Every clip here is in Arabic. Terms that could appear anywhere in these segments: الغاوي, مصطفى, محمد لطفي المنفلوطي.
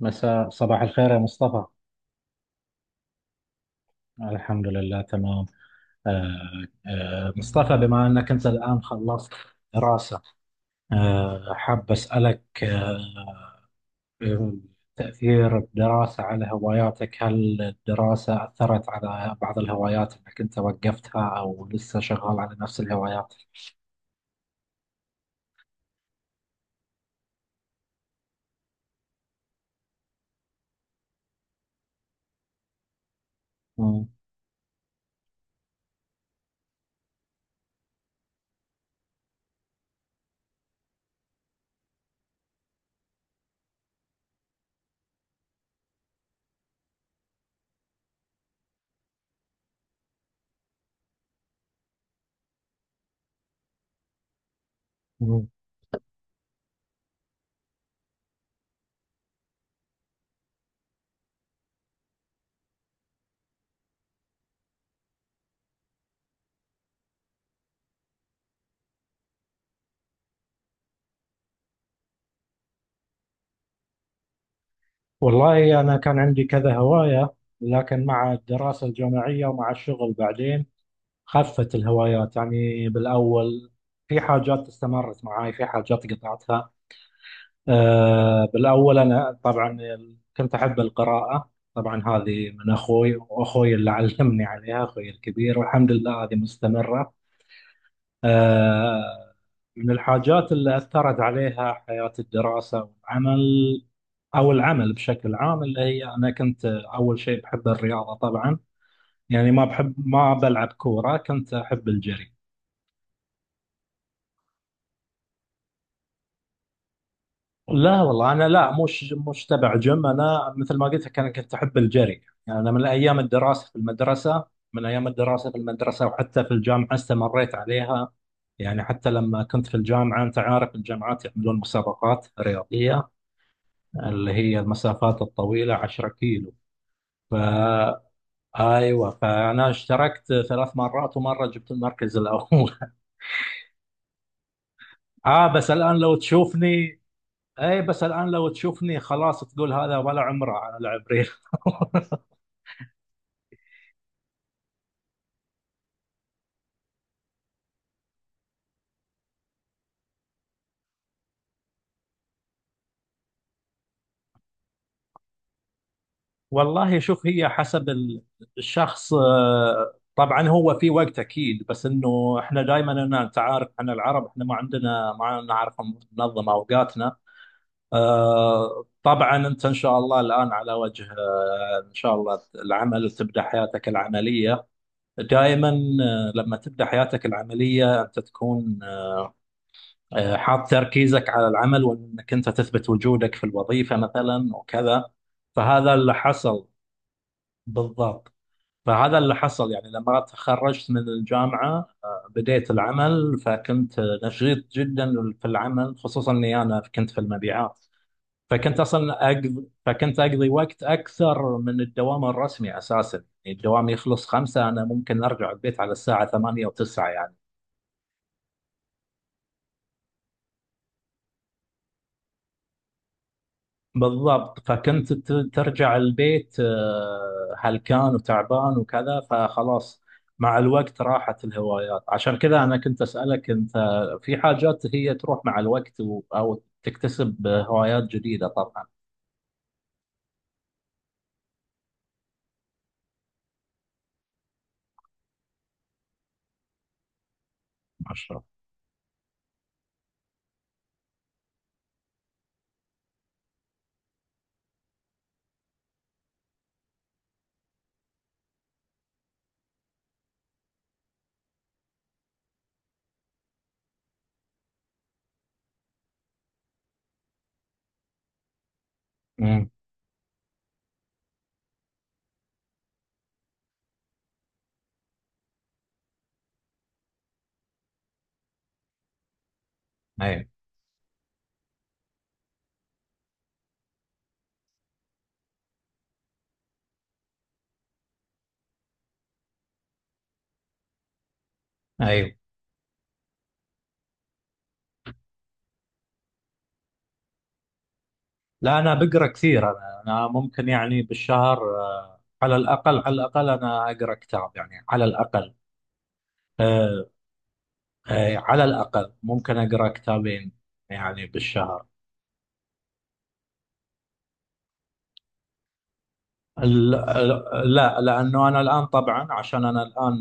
صباح الخير يا مصطفى. الحمد لله تمام. آه، مصطفى، بما أنك أنت الآن خلصت دراسة، حاب أسألك آه، تأثير الدراسة على هواياتك. هل الدراسة أثرت على بعض الهوايات أنك أنت وقفتها أو لسه شغال على نفس الهوايات؟ مم. مم. والله أنا كان عندي كذا هواية، لكن مع الدراسة الجامعية ومع الشغل بعدين خفت الهوايات يعني بالأول. في حاجات استمرت معاي، في حاجات قطعتها. أه، بالأول أنا طبعا كنت أحب القراءة، طبعا هذه من أخوي، وأخوي اللي علمني عليها أخوي الكبير، والحمد لله هذه مستمرة. أه، من الحاجات اللي أثرت عليها حياة الدراسة والعمل، أو العمل بشكل عام، اللي هي أنا كنت أول شيء بحب الرياضة طبعا، يعني ما بحب ما بلعب كورة، كنت أحب الجري. لا والله انا لا، مش تبع جيم. انا مثل ما قلت لك انا كنت احب الجري، يعني انا من ايام الدراسه في المدرسه، من ايام الدراسه في المدرسه وحتى في الجامعه استمريت عليها. يعني حتى لما كنت في الجامعه انت عارف الجامعات يعملون مسابقات رياضيه، اللي هي المسافات الطويله 10 كيلو. ف ايوه، فانا اشتركت 3 مرات ومره جبت المركز الاول. اه بس الان لو تشوفني. اي، بس الان لو تشوفني خلاص تقول هذا ولا عمره على لعب ريل. والله شوف، هي حسب الشخص. طبعا هو في وقت اكيد، بس انه احنا دائما، انا انت عارف احنا العرب احنا ما عندنا ما نعرف ننظم اوقاتنا. طبعا انت ان شاء الله الان على وجه، ان شاء الله العمل وتبدا حياتك العمليه دائما. لما تبدا حياتك العمليه انت تكون حاط تركيزك على العمل، وانك انت تثبت وجودك في الوظيفه مثلا وكذا. فهذا اللي حصل. بالضبط. فهذا اللي حصل، يعني لما تخرجت من الجامعه بديت العمل، فكنت نشيط جدا في العمل، خصوصا اني انا كنت في المبيعات. فكنت اقضي وقت اكثر من الدوام الرسمي اساسا. يعني الدوام يخلص خمسة، انا ممكن ارجع البيت على الساعه 8 او 9 يعني. بالضبط، ترجع البيت هلكان وتعبان وكذا، فخلاص. مع الوقت راحت الهوايات، عشان كذا أنا كنت أسألك أنت، في حاجات هي تروح مع الوقت، أو تكتسب هوايات جديدة طبعا. أشرف. امم. أيوه. أيوه. لا، أنا بقرأ كثير، أنا ممكن يعني بالشهر، على الأقل، على الأقل أنا أقرأ كتاب، يعني على الأقل. آه، على الأقل ممكن أقرأ كتابين يعني بالشهر. ال- لا، لأنه أنا الآن طبعا، عشان أنا الآن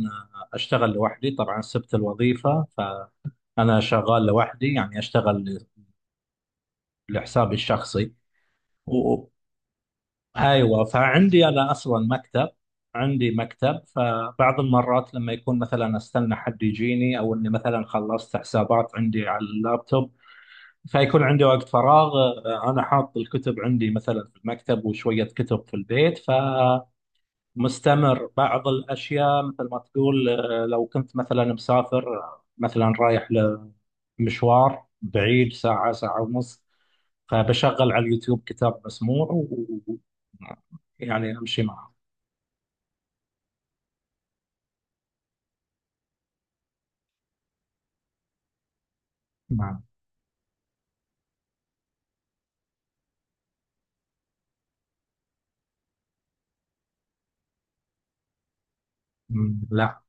أشتغل لوحدي، طبعا سبت الوظيفة، فأنا شغال لوحدي، يعني أشتغل لحسابي الشخصي. و... أيوة، فعندي أنا أصلا مكتب، عندي مكتب، فبعض المرات لما يكون مثلا أستنى حد يجيني، أو إني مثلا خلصت حسابات عندي على اللابتوب، فيكون عندي وقت فراغ. أنا حاط الكتب عندي مثلا في المكتب وشوية كتب في البيت. مستمر بعض الأشياء. مثل ما تقول لو كنت مثلا مسافر، مثلا رايح لمشوار بعيد ساعة، ساعة ونص. فبشغل على اليوتيوب كتاب مسموع و- يعني أمشي معه. مع... مم، لا.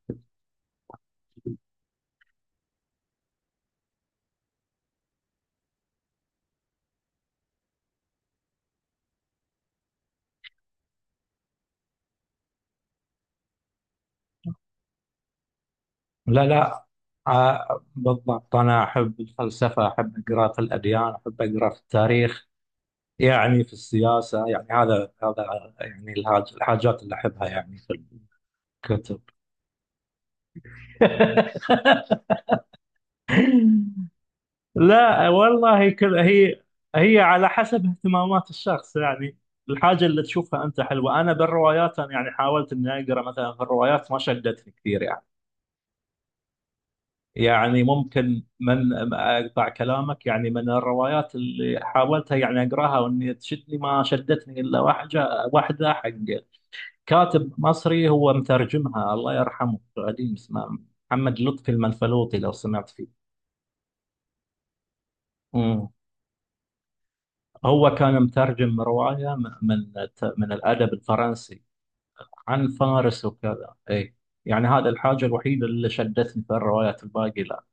لا لا بالضبط أنا أحب الفلسفة، أحب أقرأ في الأديان، أحب أقرأ في التاريخ، يعني في السياسة، يعني هذا هذا يعني الحاجات اللي أحبها يعني في الكتب. لا والله، كل هي، هي على حسب اهتمامات الشخص، يعني الحاجة اللي تشوفها أنت حلوة. أنا بالروايات، أنا يعني حاولت إني أقرأ مثلا في الروايات، ما شدتني كثير يعني. يعني ممكن من أقطع كلامك، يعني من الروايات اللي حاولتها يعني أقرأها وإني تشدني، ما شدتني إلا واحدة، واحدة حق كاتب مصري هو مترجمها الله يرحمه، قديم، اسمه محمد لطفي المنفلوطي، لو سمعت فيه. مم. هو كان مترجم رواية من الأدب الفرنسي، عن فارس وكذا، إي. يعني هذا الحاجة الوحيدة اللي شدتني في الروايات، الباقي لا.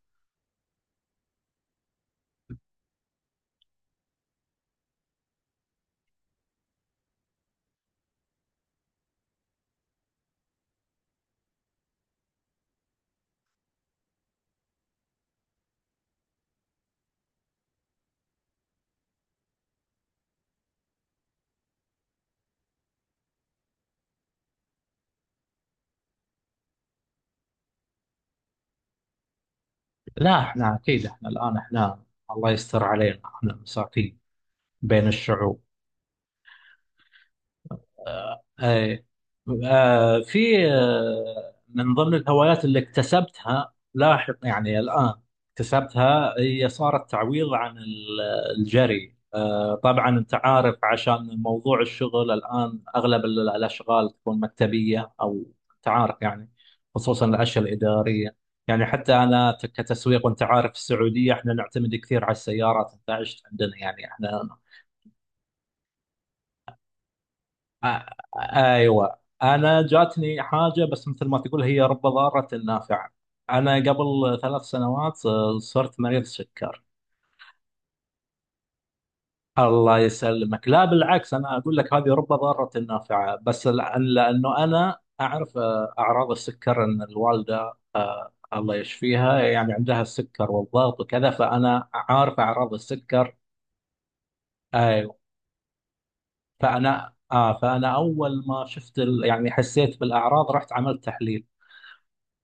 لا إحنا أكيد، إحنا الآن إحنا الله يستر علينا، إحنا مساكين بين الشعوب. اي، في من ضمن الهوايات اللي اكتسبتها لاحق، يعني الآن اكتسبتها، هي صارت تعويض عن الجري. طبعا انت عارف عشان موضوع الشغل الآن اغلب الاشغال تكون مكتبية او انت عارف يعني، خصوصا الاشياء الإدارية. يعني حتى انا كتسويق، وانت عارف في السعودية احنا نعتمد كثير على السيارات، انت عشت عندنا يعني احنا آ- ايوه انا جاتني حاجه، بس مثل ما تقول هي رب ضاره نافعه. انا قبل 3 سنوات صرت مريض سكر. الله يسلمك، لا بالعكس، انا اقول لك هذه رب ضاره نافعه، بس لانه انا اعرف اعراض السكر، ان الوالده الله يشفيها يعني عندها السكر والضغط وكذا، فانا عارف اعراض السكر. ايوه. فانا اول ما شفت يعني حسيت بالاعراض، رحت عملت تحليل.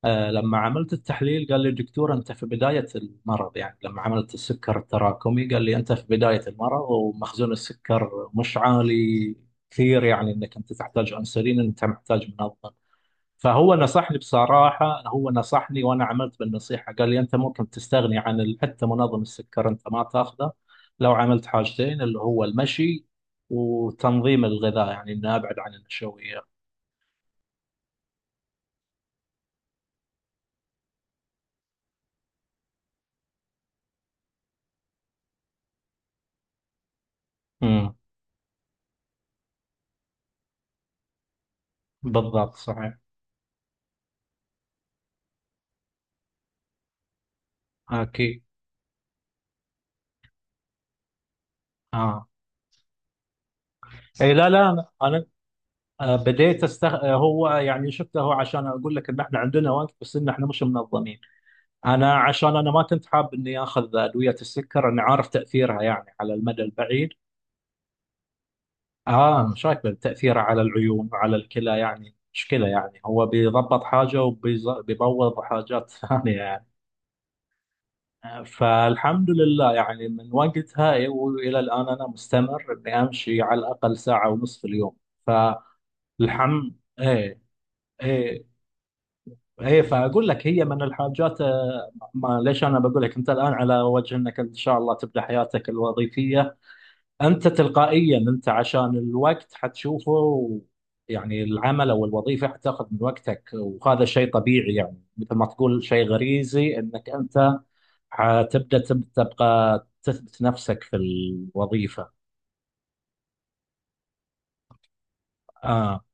لما عملت التحليل قال لي الدكتور انت في بدايه المرض، يعني لما عملت السكر التراكمي قال لي انت في بدايه المرض ومخزون السكر مش عالي كثير، يعني انك انت تحتاج انسولين، انت محتاج منظم. فهو نصحني بصراحه، هو نصحني وانا عملت بالنصيحه، قال لي انت ممكن تستغني عن حتى منظم السكر، انت ما تاخذه لو عملت حاجتين، اللي هو المشي وتنظيم الغذاء، يعني اني ابعد عن النشويات. امم. بالضبط صحيح. اكيد. اه. اي، لا لا، بديت استغ... آه، هو يعني شفته، هو عشان اقول لك ان احنا عندنا وقت بس ان احنا مش منظمين. انا عشان انا ما كنت حاب اني اخذ ادويه السكر، انا عارف تاثيرها يعني على المدى البعيد. اه، مشاكل تاثيرها على العيون وعلى الكلى يعني مشكله، يعني هو بيضبط حاجه وبيبوظ حاجات ثانيه يعني. فالحمد لله يعني من وقتها والى الان انا مستمر اني امشي على الاقل ساعه ونص في اليوم. فالحمد ايه إيه، ايه فاقول لك هي من الحاجات. ما ليش، انا بقول لك انت الان على وجه انك ان شاء الله تبدا حياتك الوظيفيه، انت تلقائيا انت عشان الوقت حتشوفه، يعني العمل او الوظيفه حتاخذ من وقتك، وهذا شيء طبيعي، يعني مثل ما تقول شيء غريزي انك انت حتبدا تبقى تثبت نفسك في الوظيفه. اه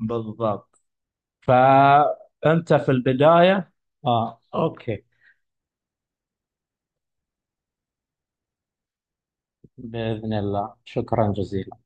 بالضبط. فانت في البدايه. اه اوكي. باذن الله، شكرا جزيلا.